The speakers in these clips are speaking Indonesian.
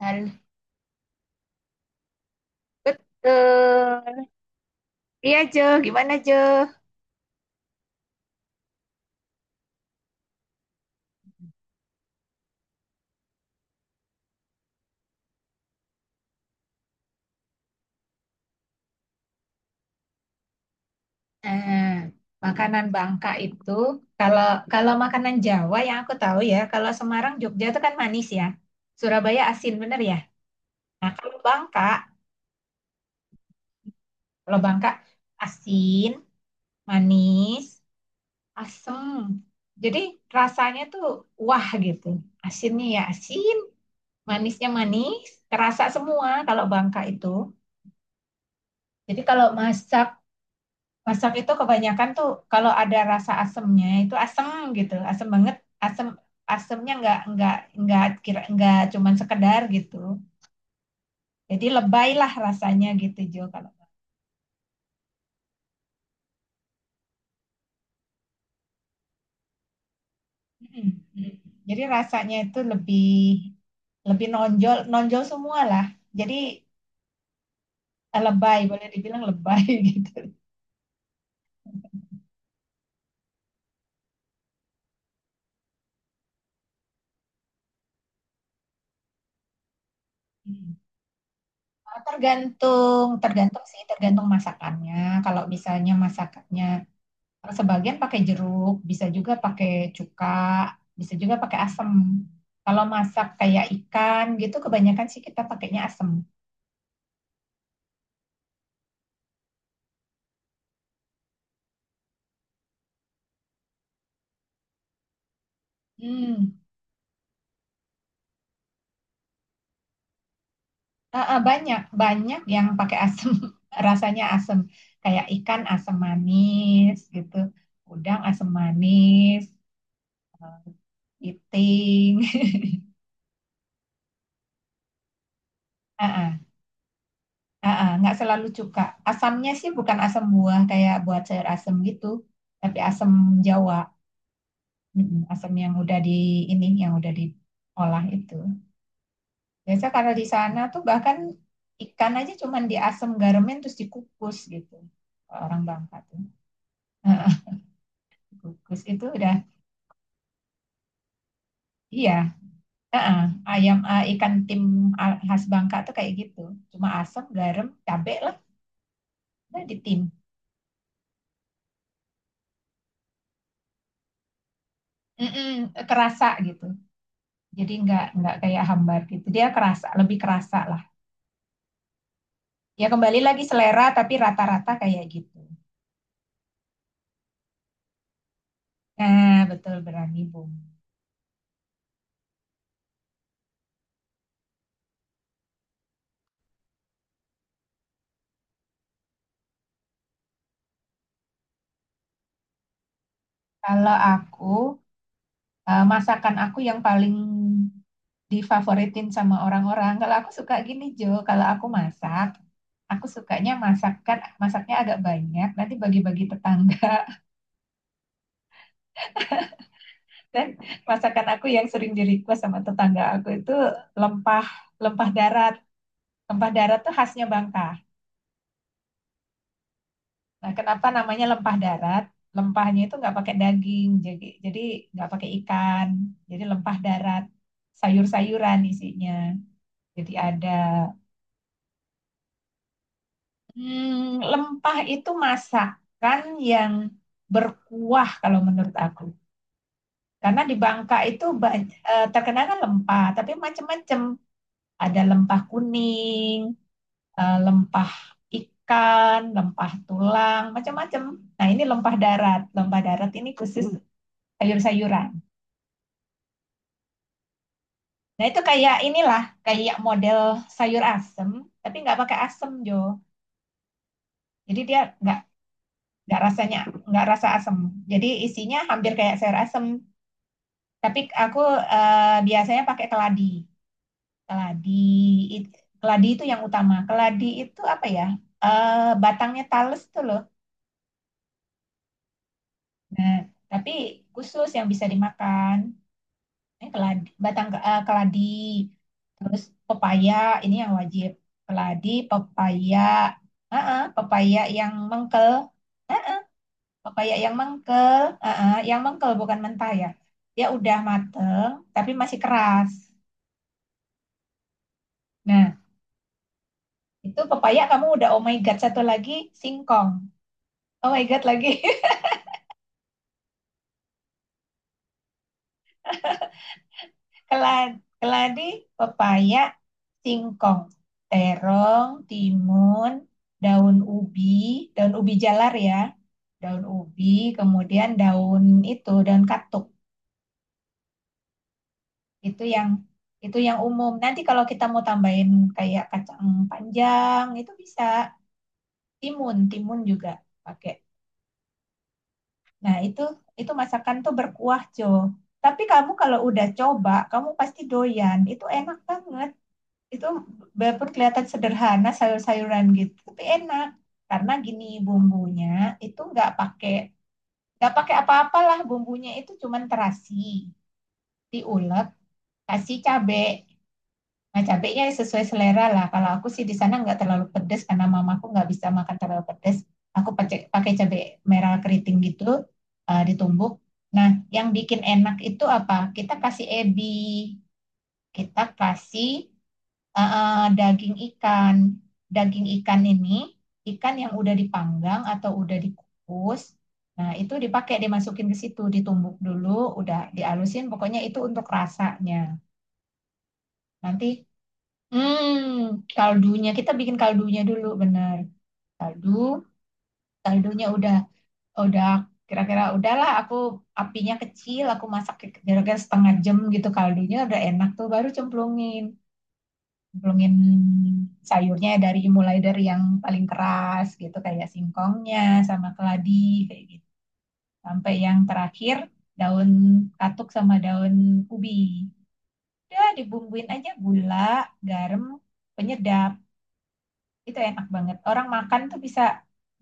Hal- Betul. Iya, Jo. Gimana, Jo? Nah, makanan Bangka itu, kalau kalau makanan Jawa yang aku tahu ya, kalau Semarang, Jogja itu kan manis ya. Surabaya asin, bener ya? Nah, kalau Bangka asin, manis, asem. Jadi rasanya tuh wah gitu. Asinnya ya asin, manisnya manis, terasa semua kalau Bangka itu. Jadi kalau masak Masak itu kebanyakan tuh kalau ada rasa asemnya itu asem gitu, asem banget, asem asemnya nggak kira nggak cuman sekedar gitu. Jadi lebay lah rasanya gitu, Jo, kalau. Mm, mm. Jadi rasanya itu lebih lebih nonjol nonjol semua lah. Jadi, lebay boleh dibilang lebay gitu. Mm. Tergantung tergantung sih tergantung masakannya. Kalau misalnya masakannya sebagian pakai jeruk, bisa juga pakai cuka, bisa juga pakai asem. Kalau masak kayak ikan gitu, kebanyakan sih kita pakainya asem. Hmm, ah, ah, banyak, banyak yang pakai asem, rasanya asem. Kayak ikan asem manis gitu, udang asem manis, iting. Ah, ah, ah, ah, nggak selalu cuka. Asamnya sih bukan asam buah kayak buat sayur asem gitu, tapi asam Jawa. Asam yang udah di ini yang udah diolah itu. Biasa karena di sana tuh bahkan ikan aja cuman diasam garamin terus dikukus gitu. Kalau orang Bangka tuh. Heeh. Kukus itu udah. Iya, heeh, ayam, ikan tim khas Bangka tuh kayak gitu. Cuma asam, garam, cabe lah, udah ditim. Mm-mm, kerasa gitu. Jadi nggak kayak hambar gitu. Dia kerasa, lebih kerasa lah. Ya, kembali lagi selera tapi rata-rata kayak gitu. Nah, betul berani bung. Kalau aku, masakan aku yang paling difavoritin sama orang-orang. Kalau aku suka gini, Jo, kalau aku masak, aku sukanya masaknya agak banyak, nanti bagi-bagi tetangga. Dan masakan aku yang sering di request sama tetangga aku itu lempah lempah darat. Lempah darat tuh khasnya Bangka. Nah, kenapa namanya lempah darat? Lempahnya itu nggak pakai daging, jadi nggak pakai ikan, jadi lempah darat, sayur-sayuran isinya. Jadi ada. Lempah itu masakan yang berkuah kalau menurut aku. Karena di Bangka itu banyak, terkenal kan lempah, tapi macam-macam. Ada lempah kuning, lempah ikan, lempah tulang, macam-macam. Nah, ini lempah darat. Lempah darat ini khusus sayur-sayuran. Nah, itu kayak inilah, kayak model sayur asem, tapi nggak pakai asem, Jo. Jadi dia nggak rasanya nggak rasa asem. Jadi isinya hampir kayak sayur asem, tapi aku biasanya pakai keladi. Keladi, it- keladi itu yang utama. Keladi itu apa ya? Eh, Batangnya talas tuh loh. Nah, tapi khusus yang bisa dimakan. Ini keladi, batang keladi. Terus pepaya, ini yang wajib. Keladi, pepaya. Heeh, pepaya yang mengkel. Pepaya yang mengkel. Heeh, yang mengkel bukan mentah ya. Dia udah mateng, tapi masih keras. Nah, itu pepaya kamu udah oh my god satu lagi singkong. Oh my god lagi. keladi, keladi, pepaya, singkong, terong, timun, daun ubi, daun ubi jalar ya. Daun ubi, kemudian daun itu, daun katuk. Itu yang itu yang umum. Nanti kalau kita mau tambahin kayak kacang panjang itu bisa, timun, timun juga pakai. Nah, itu masakan tuh berkuah, Jo. Tapi kamu kalau udah coba, kamu pasti doyan. Itu enak banget. Itu walaupun kelihatan sederhana sayur-sayuran gitu, tapi enak. Karena gini bumbunya itu nggak pakai apa-apalah, bumbunya itu cuman terasi, diulek, kasih cabai. Nah, cabenya sesuai selera lah. Kalau aku sih di sana nggak terlalu pedes karena mamaku nggak bisa makan terlalu pedes. Aku pakai pakai cabe merah keriting gitu, ditumbuk. Nah, yang bikin enak itu apa? Kita kasih ebi, kita kasih daging ikan. Daging ikan ini ikan yang udah dipanggang atau udah dikukus. Nah, itu dipakai dimasukin ke situ, ditumbuk dulu, udah dialusin. Pokoknya itu untuk rasanya. Nanti. Kaldunya kita bikin kaldunya dulu bener. Kaldu, kaldunya udah kira-kira udahlah, aku apinya kecil, aku masak kira-kira setengah jam gitu, kaldunya udah enak tuh baru cemplungin. Cemplungin sayurnya dari mulai dari yang paling keras gitu kayak singkongnya sama keladi kayak gitu. Sampai yang terakhir daun katuk sama daun ubi. Udah dibumbuin aja gula, garam, penyedap. Itu enak banget. Orang makan tuh bisa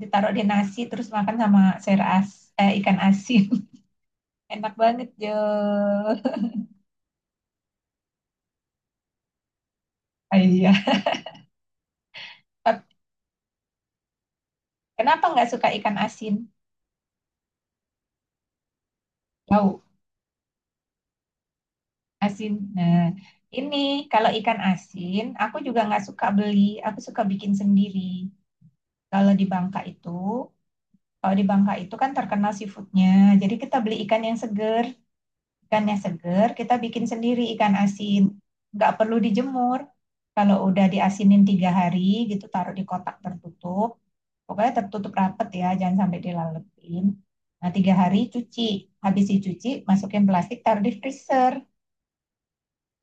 ditaruh di nasi terus makan sama ikan asin. Enak banget, Jo. Ah, iya. Tapi kenapa nggak suka ikan asin? Bau asin. Nah, ini kalau ikan asin, aku juga nggak suka beli. Aku suka bikin sendiri. Kalau di Bangka itu, kalau di Bangka itu kan terkenal seafoodnya. Jadi kita beli ikan yang seger. Ikannya seger, kita bikin sendiri ikan asin. Nggak perlu dijemur. Kalau udah diasinin 3 hari gitu, taruh di kotak tertutup. Pokoknya tertutup rapet ya, jangan sampai dilalepin. Nah, 3 hari cuci. Habis dicuci, masukin plastik, taruh di freezer.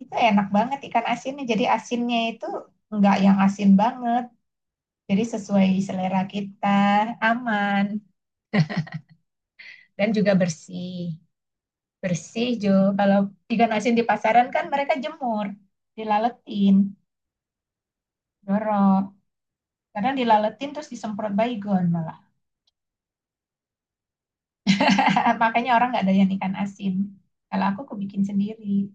Itu enak banget ikan asinnya. Jadi asinnya itu nggak yang asin banget. Jadi sesuai selera kita, aman, dan juga bersih. Bersih, Jo. Kalau ikan asin di pasaran kan mereka jemur dilaletin. Dorok. Kadang dilaletin terus disemprot baygon malah. Makanya orang nggak doyan ikan asin. Kalau aku kebikin sendiri.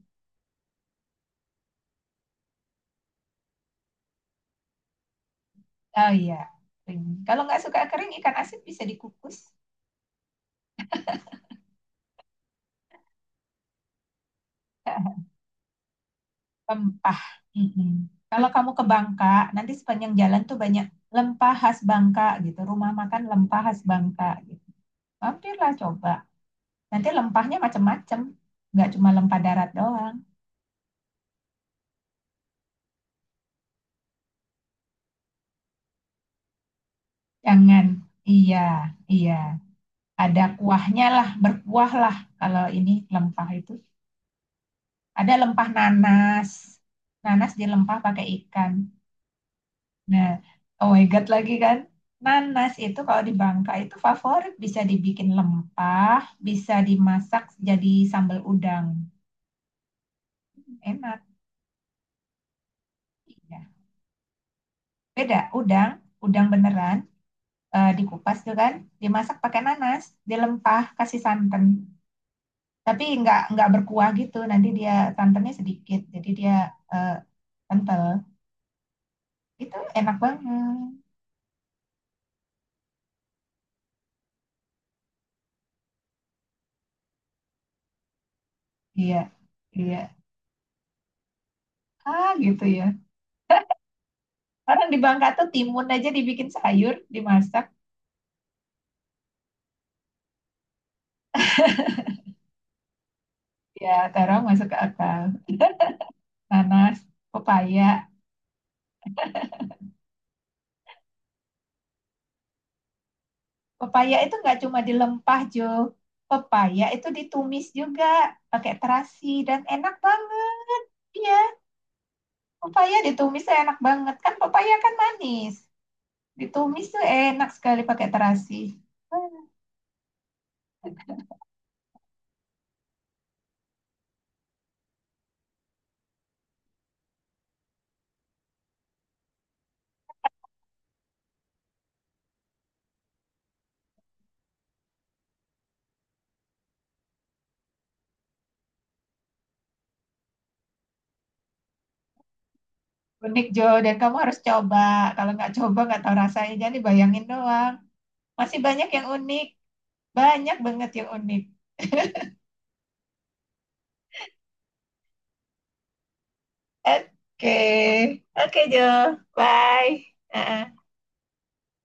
Oh iya, kering. Kalau nggak suka kering, ikan asin bisa dikukus. Lempah. Mm-mm. Kalau kamu ke Bangka, nanti sepanjang jalan tuh banyak lempah khas Bangka gitu. Rumah makan lempah khas Bangka gitu. Mampirlah coba. Nanti lempahnya macam-macam. Nggak cuma lempah darat doang. Jangan. Iya, iya. Ada kuahnya lah, berkuah lah, kalau ini lempah itu. Ada lempah nanas. Nanas dilempah pakai ikan. Nah, oh my God lagi kan. Nanas itu kalau di Bangka itu favorit. Bisa dibikin lempah, bisa dimasak jadi sambal udang. Enak. Iya. Beda, udang, udang beneran. Dikupas tuh kan, dimasak pakai nanas, dilempah, kasih santan. Tapi nggak berkuah gitu, nanti dia santannya sedikit, jadi dia eh, kental. Itu enak banget. Iya, iya. Ah, gitu ya. Orang di Bangka tuh timun aja dibikin sayur, dimasak. Ya, taruh masuk ke akal. Nanas, pepaya. Pepaya itu nggak cuma dilempah, Jo. Pepaya itu ditumis juga pakai terasi dan enak banget. Iya, pepaya ditumis tuh enak banget. Kan pepaya kan manis. Ditumis tuh enak sekali pakai terasi. Ah, unik, Jo, dan kamu harus coba. Kalau nggak coba nggak tahu rasanya. Jadi bayangin doang. Masih banyak yang unik. Banyak banget yang unik. Oke. Oke, Jo. Bye. Heeh.